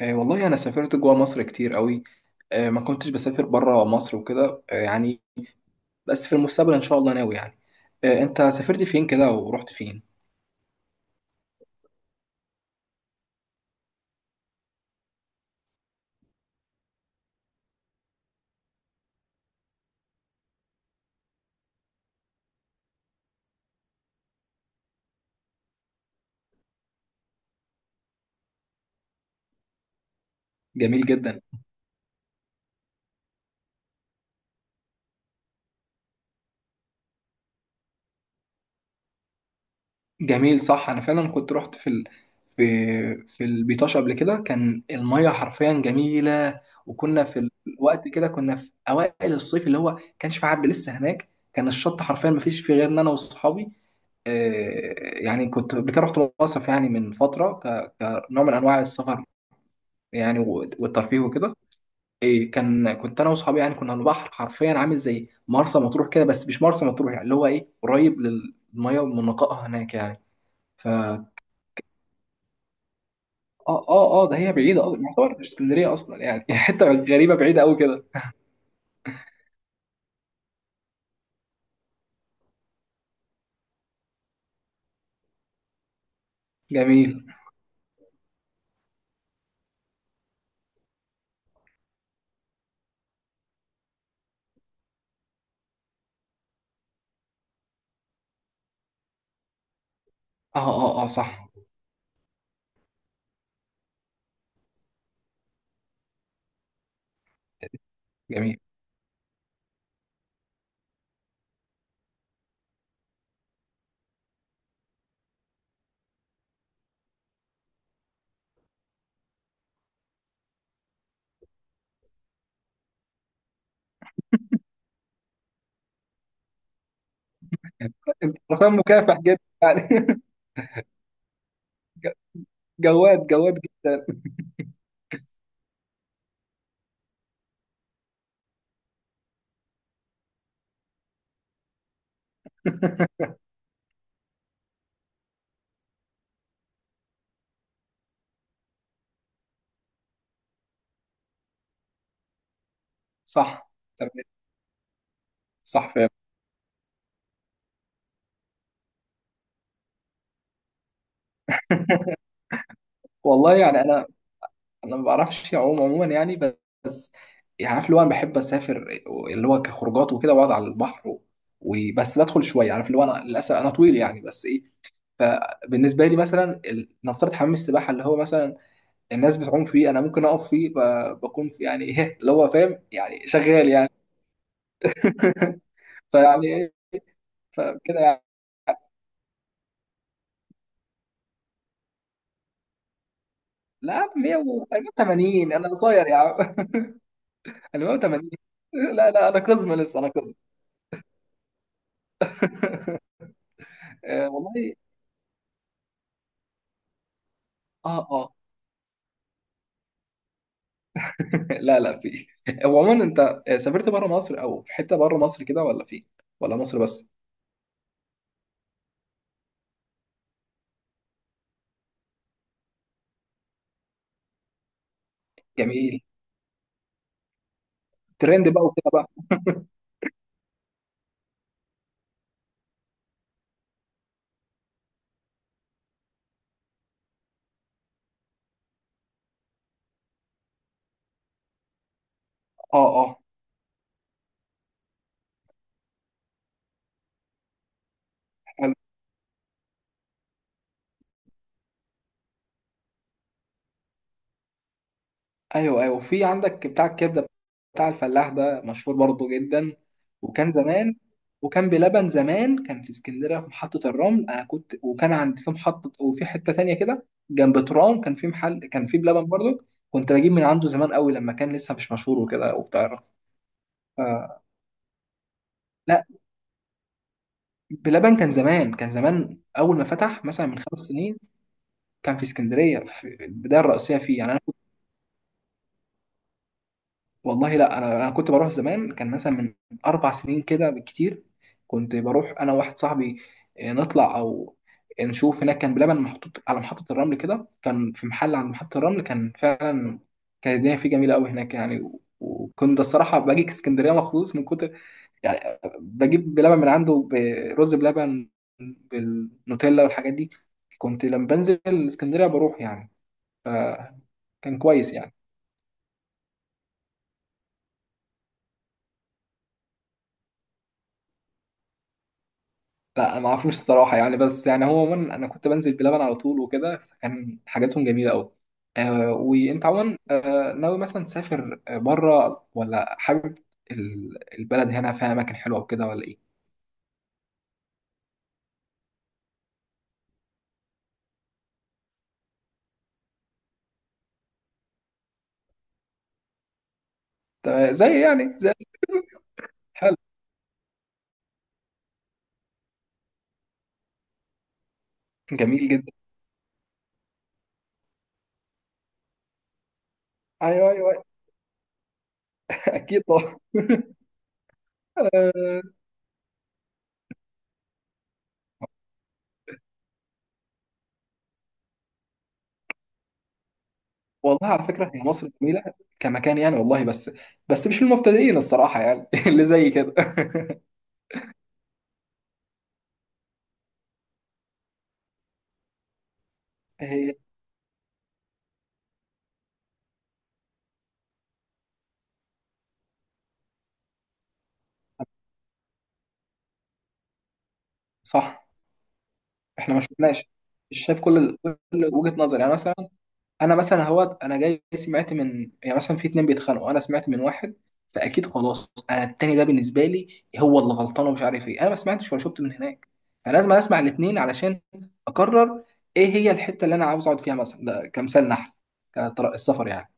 والله أنا سافرت جوا مصر كتير قوي. ما كنتش بسافر برا مصر وكده، يعني بس في المستقبل إن شاء الله ناوي يعني. أنت سافرت فين كده ورحت فين؟ جميل جدا. جميل صح، انا فعلا كنت رحت في في البيطاش قبل كده، كان الميه حرفيا جميله وكنا في الوقت كده كنا في اوائل الصيف اللي هو كانش في حد لسه هناك، كان الشط حرفيا ما فيش فيه غير انا واصحابي. يعني كنت قبل كده رحت مصيف يعني من فتره، كنوع من انواع السفر يعني والترفيه وكده. إيه كان، كنت انا واصحابي يعني كنا على البحر حرفيا عامل زي مرسى مطروح كده، بس مش مرسى مطروح يعني اللي هو ايه قريب للميه ومن نقائها هناك يعني. اه اه اه، ده هي بعيدة اصلا يعتبر مش اسكندرية اصلا يعني حتة غريبة بعيدة قوي كده. جميل. اه اه اه صح. جميل. انت رقم مكافح جدا يعني ج- جواد جواد جدا. صح. تمام. صح فاهم. والله يعني انا، ما بعرفش اعوم عموما يعني بس. يعني عارف اللي هو انا بحب اسافر، اللي هو كخروجات وكده واقعد على البحر وبس بدخل شويه، عارف اللي هو انا للاسف انا طويل يعني بس ايه. فبالنسبه لي مثلا نفترض حمام السباحه اللي هو مثلا الناس بتعوم فيه، انا ممكن اقف فيه بكون في يعني ايه اللي هو فاهم يعني شغال يعني. فيعني ايه. فكده يعني. لا يا عم، 100 180 انا قصير يا عم انا 180. لا لا، انا قزم لسه انا قزم. آه والله. اه اه. لا لا في. هو عموما انت سافرت بره مصر او في حته بره مصر كده ولا فين؟ ولا مصر بس؟ جميل. ترند بقى وكده بقى. اه اه. ايوه ايوه، في عندك بتاع الكبده، بتاع الفلاح ده مشهور برضو جدا. وكان زمان. وكان بلبن زمان كان في اسكندريه في محطه الرمل، انا كنت وكان عند في محطه، وفي حته تانية كده جنب ترام كان في محل كان في بلبن برضو. كنت بجيب من عنده زمان قوي لما كان لسه مش مشهور وكده وبتعرف. ف- لا. بلبن كان زمان، كان زمان اول ما فتح مثلا من خمس سنين، كان في اسكندريه في البدايه الرئيسيه فيه يعني. والله لا، انا كنت بروح زمان كان مثلا من اربع سنين كده بالكتير، كنت بروح انا وواحد صاحبي. نطلع او نشوف هناك. كان بلبن محطوط على محطة الرمل كده، كان في محل عند محطة الرمل كان فعلا، كانت الدنيا فيه جميلة قوي هناك يعني وكنت الصراحة باجي اسكندرية مخصوص من كتر يعني، بجيب بلبن من عنده. برز بلبن بالنوتيلا والحاجات دي كنت لما بنزل اسكندرية بروح يعني. فكان كويس يعني. لا، ما اعرفوش الصراحه يعني، بس يعني هو عموما انا كنت بنزل بلبن على طول وكده، فكان حاجاتهم جميله قوي. آه، وانت عموما ناوي مثلا تسافر بره ولا حابب البلد هنا فيها اماكن حلوه وكده ولا ايه؟ طب زي يعني زي. حلو. جميل جدا. ايوه ايوه، أيوة. اكيد طبعا. آه والله، على فكره هي مصر جميله كمكان يعني والله، بس بس مش للمبتدئين الصراحه يعني اللي زي كده هي صح. احنا ما شفناش. مش شايف كل كل وجهة نظر يعني. مثلا انا مثلا هو انا جاي سمعت من يعني مثلا في اتنين بيتخانقوا، انا سمعت من واحد، فاكيد خلاص انا التاني ده بالنسبه لي هو اللي غلطان ومش عارف ايه، انا ما سمعتش ولا شفت من هناك، فلازم اسمع الاتنين علشان اقرر ايه هي الحته اللي انا عاوز اقعد فيها مثلا. ده كمثال نحل كطرق السفر يعني.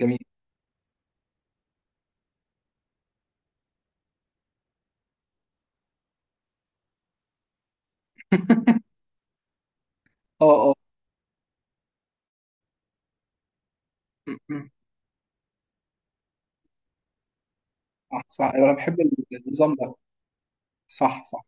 جميل. اه اه. م. صح صح، ايوه انا بحب النظام ده. صح صح.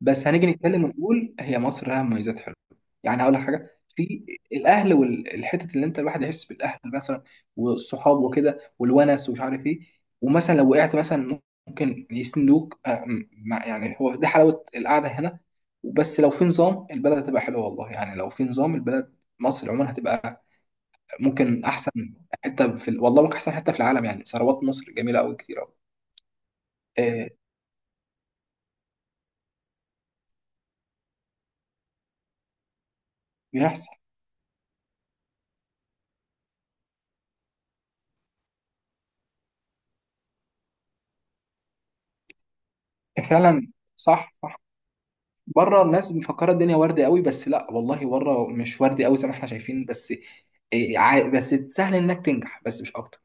بس هنيجي نتكلم ونقول هي مصر لها مميزات حلوه يعني. هقول لك حاجه في الاهل والحته اللي انت الواحد يحس بالاهل مثلا، والصحاب وكده والونس ومش عارف ايه، ومثلا لو وقعت مثلا ممكن يسندوك، يعني هو ده حلاوه القعده هنا. بس لو في نظام البلد هتبقى حلوه والله يعني، لو في نظام البلد مصر عموما هتبقى ممكن احسن حته في والله ممكن احسن حته في العالم يعني، ثروات مصر جميله قوي كتير قوي. آه، بيحصل. فعلا صح صح. بره الناس مفكره الدنيا ورد قوي، بس لا والله بره مش ورد قوي زي ما احنا شايفين بس. بس سهل انك تنجح بس مش اكتر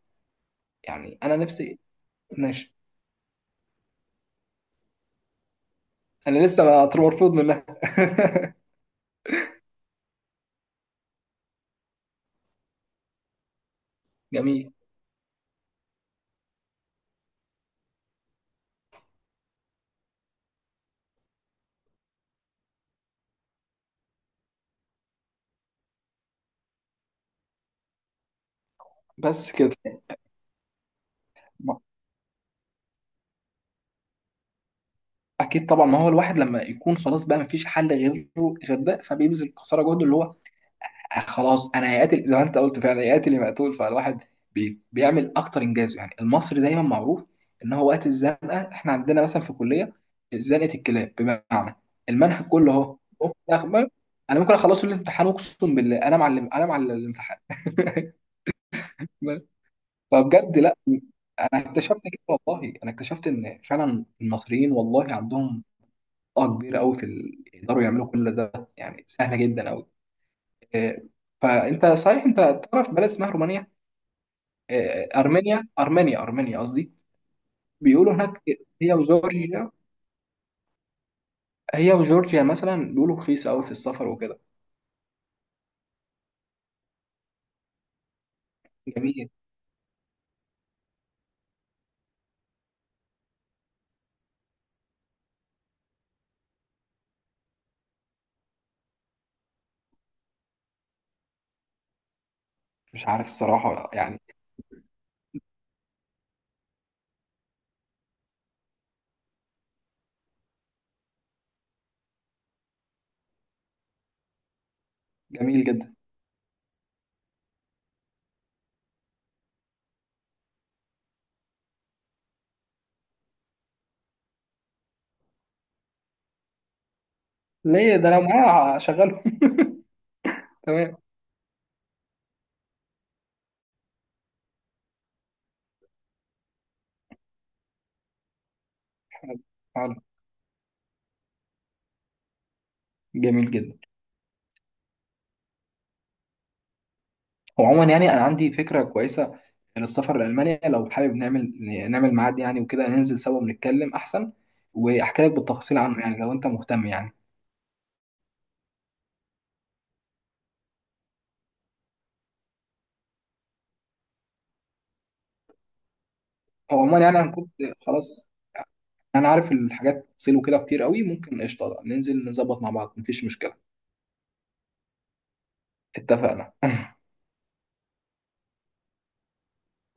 يعني. انا نفسي. ماشي. انا لسه مرفوض منها جميل. بس كده. ما- اكيد طبعا، ما هو الواحد لما يكون خلاص بقى مفيش حل غيره غير ده، فبيبذل قصارى جهده اللي هو خلاص. انا هيقاتل زي ما انت قلت، فعلا هيقاتل يا مقتول، فالواحد بيعمل اكتر انجازه يعني، المصري دايما معروف ان هو وقت الزنقه. احنا عندنا مثلا في الكليه زنقه الكلاب، بمعنى المنهج كله اهو، أقوم أخبر انا ممكن اخلصه الامتحان، اقسم بالله انا معلم انا معلم الامتحان فبجد لا، انا اكتشفت كده، والله انا اكتشفت ان فعلا المصريين والله عندهم طاقه كبيره قوي في يقدروا يعملوا كل ده يعني، سهله جدا قوي. آه، فانت صحيح انت تعرف بلد اسمها رومانيا؟ آه، ارمينيا ارمينيا قصدي. بيقولوا هناك، هي وجورجيا، هي وجورجيا مثلا بيقولوا رخيصه قوي في السفر وكده. جميل. مش عارف الصراحه يعني. جميل جدا. ليه ده لو معايا هشغله. تمام. حلو. حلو. جميل جدا. وعموما يعني انا عندي فكره كويسه للسفر لالمانيا، لو حابب نعمل نعمل ميعاد يعني وكده، ننزل سوا ونتكلم احسن واحكي لك بالتفاصيل عنه يعني، لو انت مهتم يعني. هو عموما يعني انا كنت خلاص. انا عارف الحاجات سيلو كده كتير قوي، ممكن قشطه ننزل نظبط مع بعض مفيش مشكله. اتفقنا.